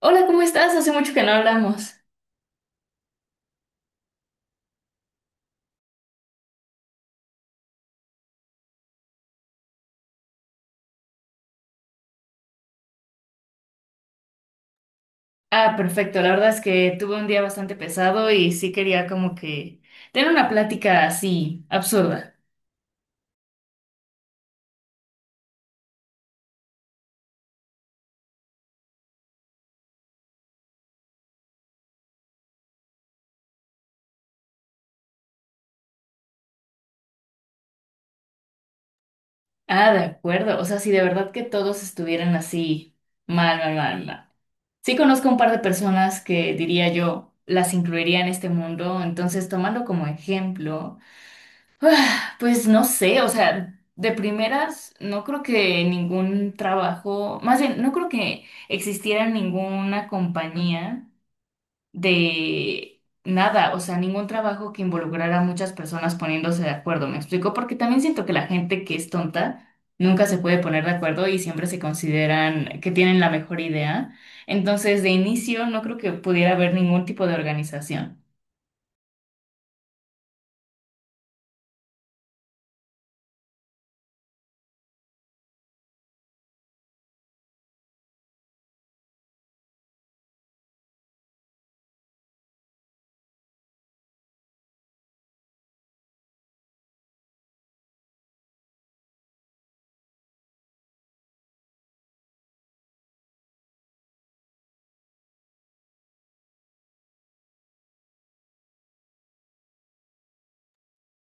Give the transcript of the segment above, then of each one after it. Hola, ¿cómo estás? Hace mucho que no hablamos. Ah, perfecto. La verdad es que tuve un día bastante pesado y sí quería como que tener una plática así absurda. Ah, de acuerdo. O sea, si de verdad que todos estuvieran así mal, mal, mal, mal. Sí conozco un par de personas que diría yo las incluiría en este mundo. Entonces, tomando como ejemplo, pues no sé, o sea, de primeras no creo que ningún trabajo, más bien, no creo que existiera ninguna compañía de nada, o sea, ningún trabajo que involucrara a muchas personas poniéndose de acuerdo, ¿me explico? Porque también siento que la gente que es tonta nunca se puede poner de acuerdo y siempre se consideran que tienen la mejor idea. Entonces, de inicio, no creo que pudiera haber ningún tipo de organización.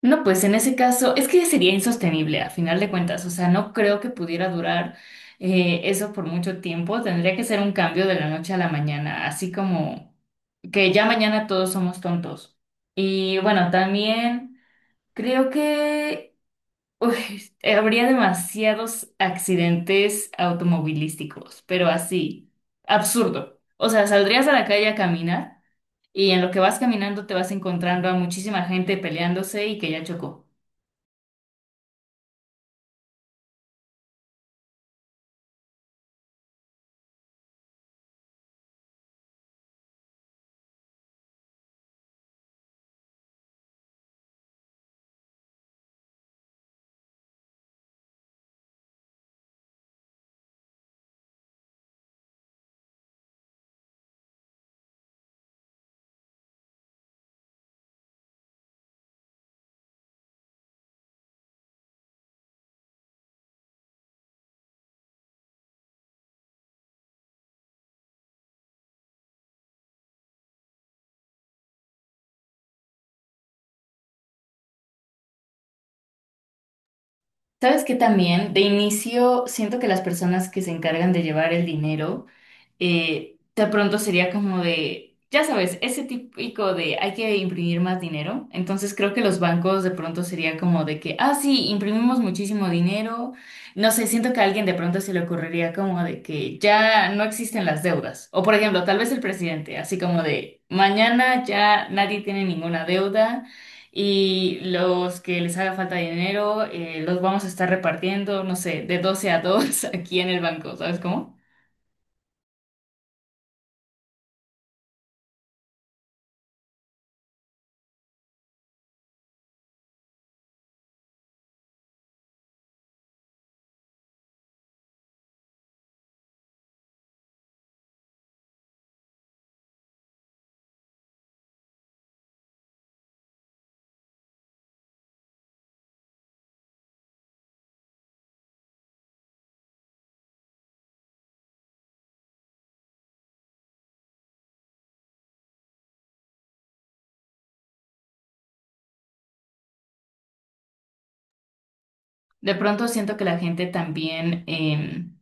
No, pues en ese caso, es que sería insostenible a final de cuentas, o sea, no creo que pudiera durar eso por mucho tiempo, tendría que ser un cambio de la noche a la mañana, así como que ya mañana todos somos tontos. Y bueno, también creo que uy, habría demasiados accidentes automovilísticos, pero así, absurdo. O sea, saldrías a la calle a caminar y en lo que vas caminando te vas encontrando a muchísima gente peleándose y que ya chocó. Sabes que también de inicio siento que las personas que se encargan de llevar el dinero, de pronto sería como de, ya sabes, ese típico de hay que imprimir más dinero. Entonces creo que los bancos de pronto sería como de que, ah, sí, imprimimos muchísimo dinero. No sé, siento que a alguien de pronto se le ocurriría como de que ya no existen las deudas. O por ejemplo, tal vez el presidente, así como de, mañana ya nadie tiene ninguna deuda. Y los que les haga falta dinero, los vamos a estar repartiendo, no sé, de 12 a 2 aquí en el banco, ¿sabes cómo? De pronto siento que la gente también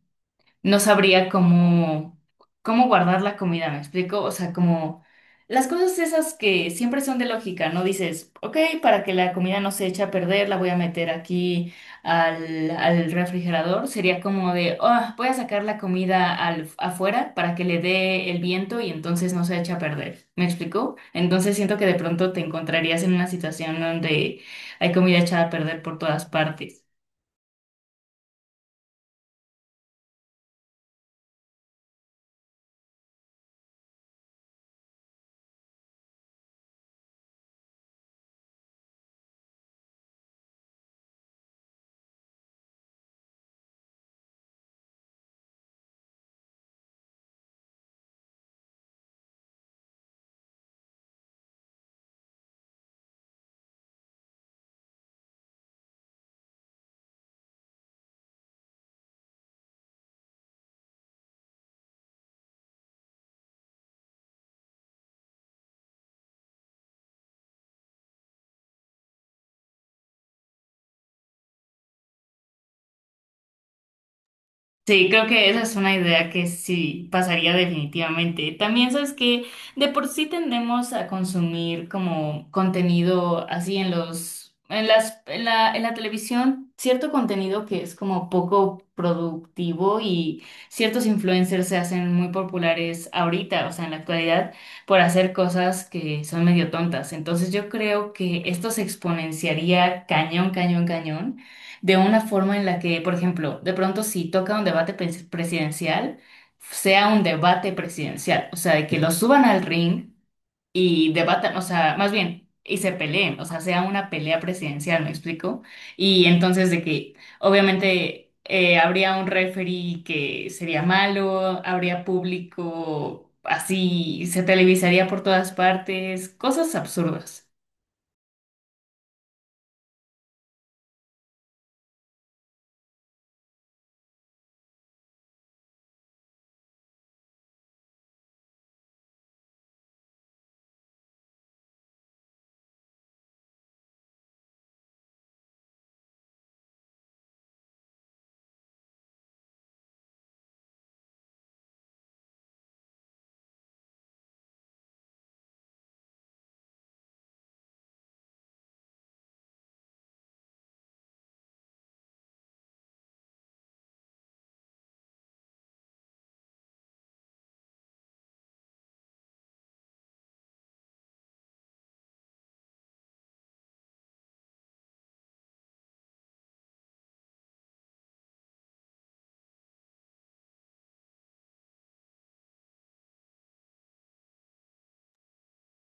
no sabría cómo, cómo guardar la comida, ¿me explico? O sea, como las cosas esas que siempre son de lógica, ¿no? Dices, ok, para que la comida no se eche a perder, la voy a meter aquí al refrigerador. Sería como de, oh, voy a sacar la comida al, afuera para que le dé el viento y entonces no se eche a perder, ¿me explico? Entonces siento que de pronto te encontrarías en una situación donde hay comida echada a perder por todas partes. Sí, creo que esa es una idea que sí pasaría definitivamente. También sabes que de por sí tendemos a consumir como contenido así en los, en las, en la televisión, cierto contenido que es como poco productivo y ciertos influencers se hacen muy populares ahorita, o sea, en la actualidad, por hacer cosas que son medio tontas. Entonces yo creo que esto se exponenciaría cañón, cañón, cañón de una forma en la que, por ejemplo, de pronto si toca un debate presidencial, sea un debate presidencial, o sea, de que lo suban al ring y debatan, o sea, más bien, y se peleen, o sea, sea una pelea presidencial, ¿me explico? Y entonces de que, obviamente, habría un referee que sería malo, habría público, así, se televisaría por todas partes, cosas absurdas.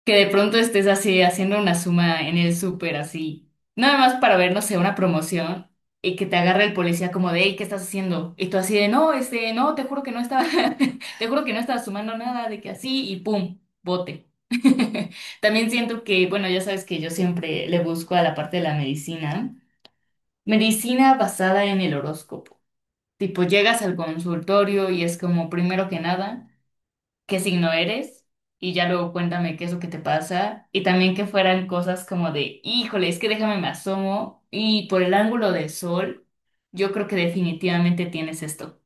Que de pronto estés así haciendo una suma en el súper así, nada más para ver, no sé, una promoción y que te agarre el policía como de, hey, ¿qué estás haciendo? Y tú así de, no, este, no, te juro que no estaba, te juro que no estaba sumando nada, de que así y pum, bote. También siento que, bueno, ya sabes que yo siempre le busco a la parte de la medicina, medicina basada en el horóscopo. Tipo, llegas al consultorio y es como, primero que nada, qué signo eres y ya luego cuéntame qué es lo que te pasa y también que fueran cosas como de, híjole, es que déjame me asomo y por el ángulo del sol, yo creo que definitivamente tienes esto.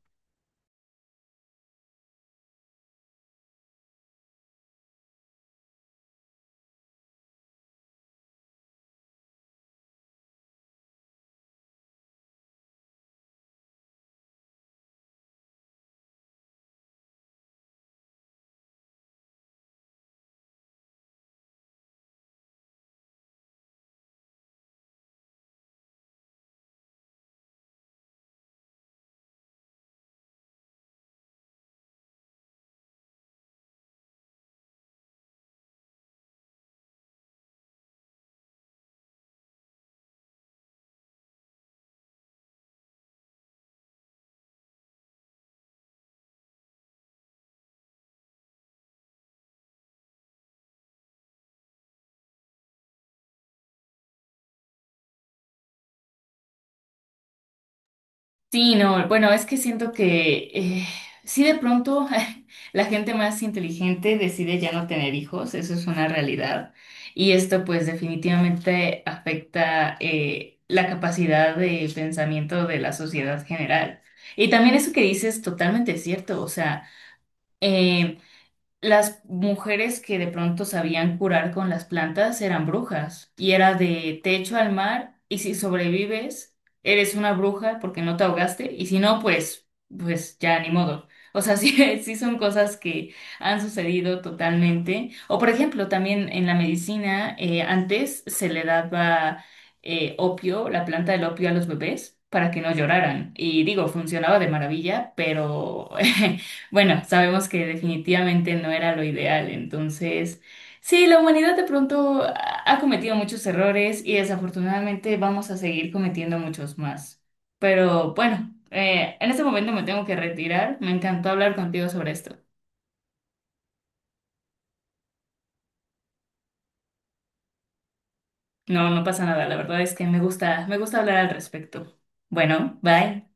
Sí, no, bueno, es que siento que sí de pronto la gente más inteligente decide ya no tener hijos, eso es una realidad. Y esto pues definitivamente afecta la capacidad de pensamiento de la sociedad general. Y también eso que dices es totalmente cierto, o sea, eh, las mujeres que de pronto sabían curar con las plantas eran brujas y era de techo al mar y si sobrevives eres una bruja porque no te ahogaste y si no pues ya ni modo. O sea, sí, sí son cosas que han sucedido totalmente. O por ejemplo, también en la medicina antes se le daba opio, la planta del opio a los bebés para que no lloraran y digo, funcionaba de maravilla, pero bueno, sabemos que definitivamente no era lo ideal, entonces sí, la humanidad de pronto ha cometido muchos errores y desafortunadamente vamos a seguir cometiendo muchos más. Pero bueno, en este momento me tengo que retirar. Me encantó hablar contigo sobre esto. No, no pasa nada, la verdad es que me gusta hablar al respecto. Bueno, bye.